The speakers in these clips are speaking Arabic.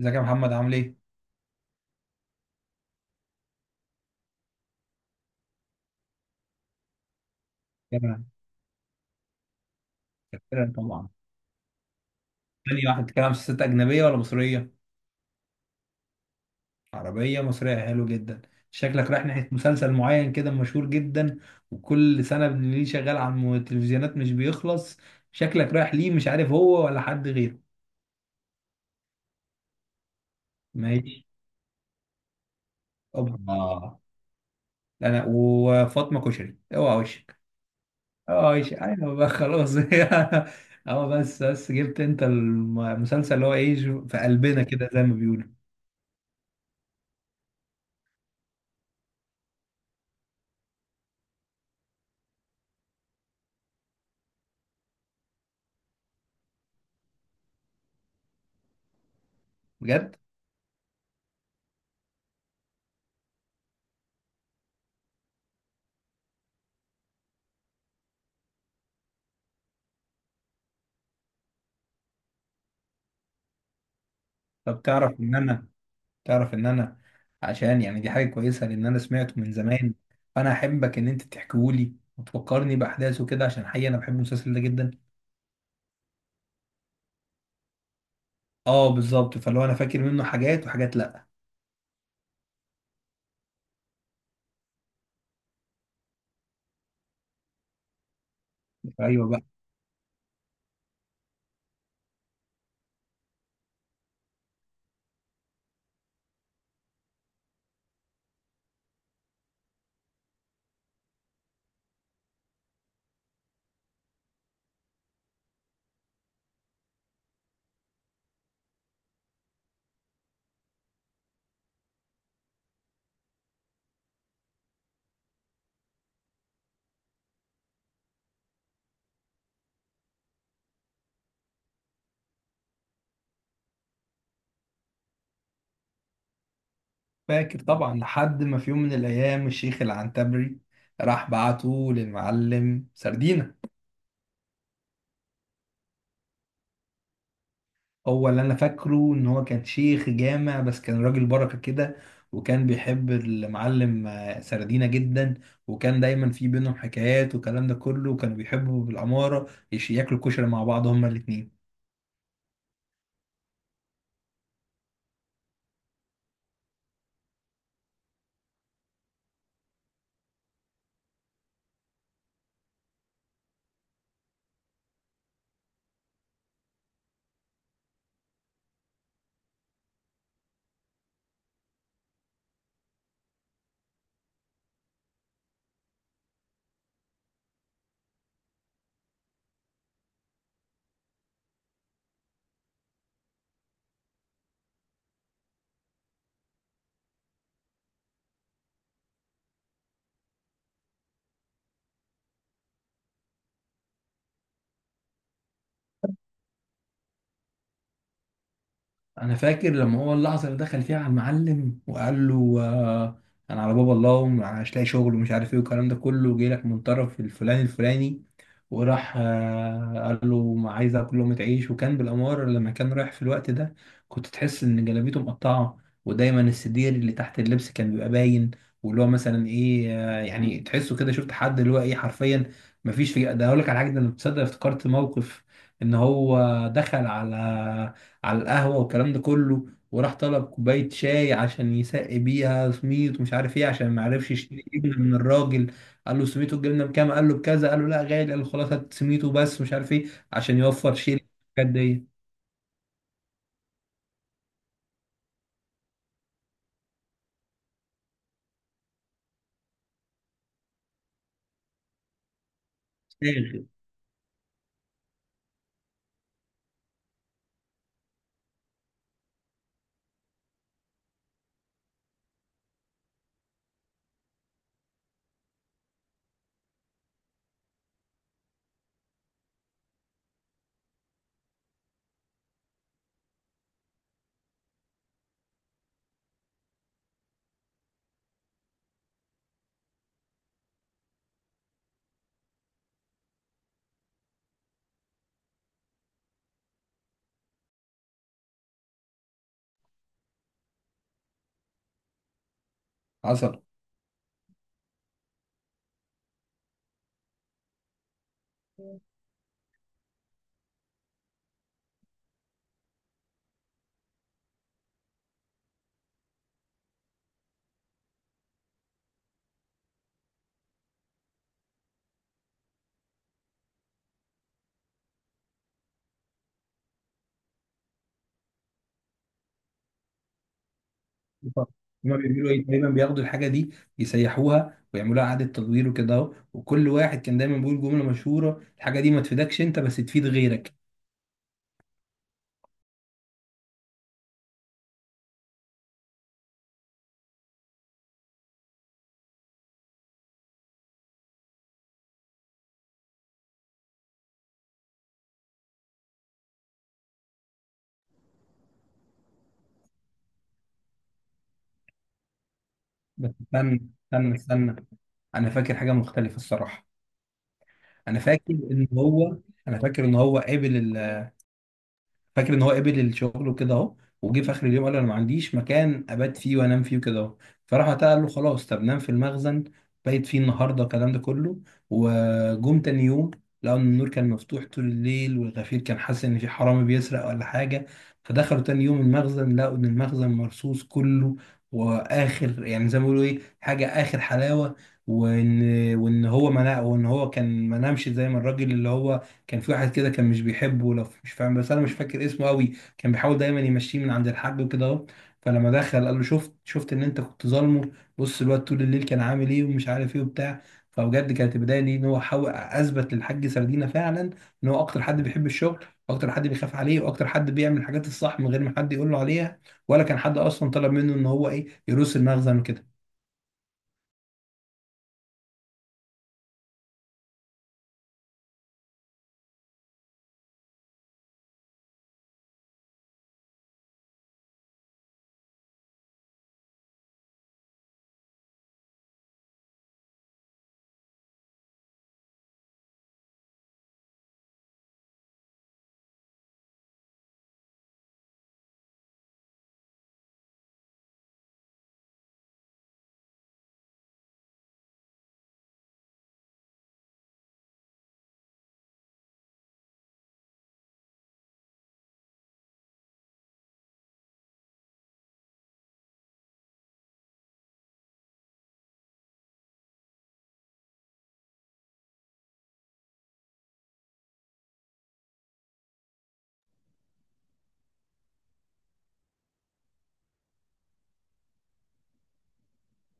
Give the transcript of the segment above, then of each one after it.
ازيك يا محمد عامل ايه؟ كده. كده طبعا. تاني واحد بتتكلم عن مسلسلات أجنبية ولا مصرية؟ عربية مصرية، حلو جدا. شكلك رايح ناحية مسلسل معين كده مشهور جدا، وكل سنة ليه شغال على التلفزيونات مش بيخلص. شكلك رايح ليه، مش عارف هو ولا حد غيره. ماشي. اوبا. انا وفاطمة كشري اوعى وشك. اوعى وشك، ايوه بقى خلاص. اه، بس جبت انت المسلسل اللي هو ايه، في قلبنا كده زي ما بيقولوا. بجد؟ طب تعرف ان انا، عشان يعني دي حاجه كويسه لان انا سمعته من زمان، فانا احبك ان انت تحكيهولي وتفكرني باحداثه كده، عشان حقيقه انا بحب المسلسل ده جدا. اه بالظبط، فلو انا فاكر منه حاجات وحاجات، لا. ايوه بقى. فاكر طبعا، لحد ما في يوم من الايام الشيخ العنتبري راح بعته للمعلم سردينة. هو اللي انا فاكره ان هو كان شيخ جامع، بس كان راجل بركه كده، وكان بيحب المعلم سردينه جدا، وكان دايما في بينهم حكايات والكلام ده كله، وكانوا بيحبوا بالعماره ياكلوا كشري مع بعض هما الاتنين. انا فاكر لما هو اللحظه اللي دخل فيها على المعلم وقال له انا على باب الله ومش لاقي شغل ومش عارف ايه والكلام ده كله، جاي لك من طرف الفلاني الفلاني، وراح قال له ما عايز اكل لقمه عيش. وكان بالاماره لما كان رايح في الوقت ده، كنت تحس ان جلابيته مقطعه، ودايما السدير اللي تحت اللبس كان بيبقى باين، واللي هو مثلا ايه، يعني تحسه كده، شفت حد اللي هو ايه حرفيا مفيش. في ده هقول لك على حاجه، ده انا تصدق افتكرت موقف ان هو دخل على القهوة والكلام ده كله، وراح طلب كوباية شاي عشان يسقي بيها سميت ومش عارف ايه، عشان ما عرفش يشتري جبنة من الراجل. قال له سميته الجبنة بكام، قال له بكذا، قال له لا غالي، قال له خلاص هات سميته بس مش عارف ايه، عشان يوفر شيل الحاجات دي. شاغل. حصل. هما بيعملوا ايه دايما، بياخدوا الحاجة دي يسيحوها ويعملوها إعادة تدوير وكده اهو. وكل واحد كان دايما بيقول جملة مشهورة، الحاجة دي ما تفيدكش انت بس تفيد غيرك. بس استنى استنى استنى، انا فاكر حاجة مختلفة الصراحة. انا فاكر ان هو انا فاكر ان هو قابل فاكر ان هو قبل الشغل وكده اهو، وجه في اخر اليوم قال انا ما عنديش مكان ابات فيه وانام فيه وكده اهو. فراح وقتها قال له خلاص طب نام في المخزن، بقيت فيه النهارده الكلام ده كله. وجم تاني يوم لقوا ان النور كان مفتوح طول الليل، والغفير كان حاسس ان في حرامي بيسرق ولا حاجه، فدخلوا تاني يوم المخزن لقوا ان المخزن مرصوص كله، واخر يعني زي ما بيقولوا ايه حاجه اخر حلاوه. وان وان هو كان ما نامش. زي ما الراجل اللي هو، كان في واحد كده كان مش بيحبه، لو مش فاهم، بس انا مش فاكر اسمه قوي، كان بيحاول دايما يمشيه من عند الحاج وكده اهو. فلما دخل قال له شفت شفت ان انت كنت ظالمه، بص الواد طول الليل كان عامل ايه ومش عارف ايه وبتاع. فبجد كانت البدايه دي ان هو حاول اثبت للحاج سردينه فعلا، ان هو اكتر حد بيحب الشغل، واكتر حد بيخاف عليه، واكتر حد بيعمل الحاجات الصح من غير ما حد يقول له عليها، ولا كان حد اصلا طلب منه ان هو ايه يروس المخزن وكده.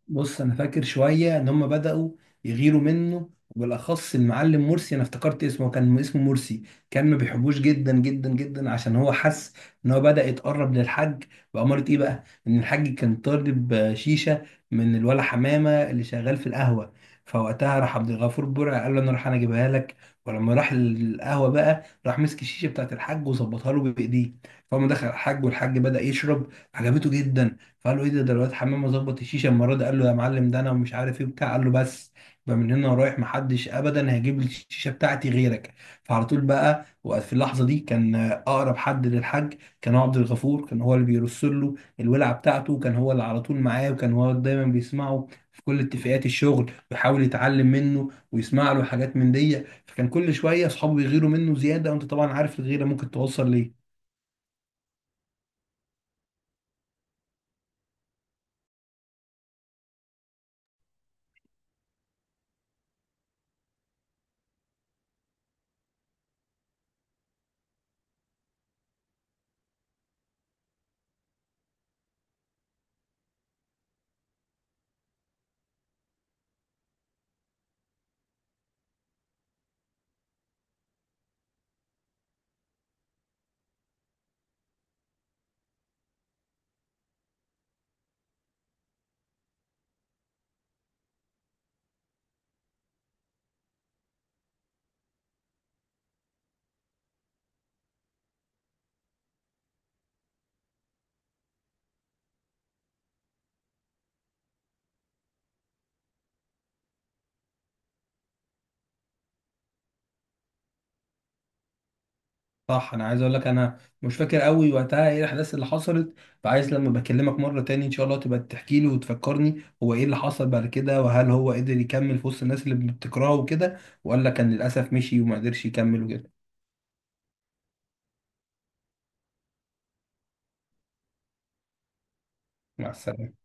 بص انا فاكر شويه ان هم بداوا يغيروا منه، وبالاخص المعلم مرسي، انا افتكرت اسمه كان اسمه مرسي. كان ما بيحبوش جدا جدا جدا، عشان هو حس ان هو بدا يتقرب للحاج. بأمارة ايه بقى، ان الحاج كان طالب شيشه من الولا حمامه اللي شغال في القهوه، فوقتها راح عبد الغفور برع قال له انا راح انا اجيبها لك. ولما راح القهوه بقى راح مسك الشيشه بتاعت الحاج وظبطها له بايديه، فقام دخل الحاج والحاج بدا يشرب، عجبته جدا. فقال له ايه ده الواد حمامه ظبط الشيشه المره دي، قال له يا معلم ده انا ومش عارف ايه وبتاع. قال له بس، يبقى من هنا ورايح محدش ابدا هيجيب لي الشيشه بتاعتي غيرك. فعلى طول بقى، وفي اللحظه دي كان اقرب حد للحاج كان هو عبد الغفور. كان هو اللي بيرسل له الولعه بتاعته، كان هو اللي على طول معاه، وكان هو دايما بيسمعه في كل اتفاقات الشغل، ويحاول يتعلم منه ويسمع له حاجات من دي. فكان كل شويه اصحابه بيغيروا منه زياده، وانت طبعا عارف الغيره ممكن توصل ليه. صح. انا عايز اقول لك انا مش فاكر قوي وقتها ايه الاحداث اللي حصلت، فعايز لما بكلمك مره تاني ان شاء الله تبقى تحكي لي وتفكرني هو ايه اللي حصل بعد كده، وهل هو قدر يكمل في وسط الناس اللي بتكرهه وكده، ولا كان للاسف مشي وما قدرش يكمل وكده. مع السلامه.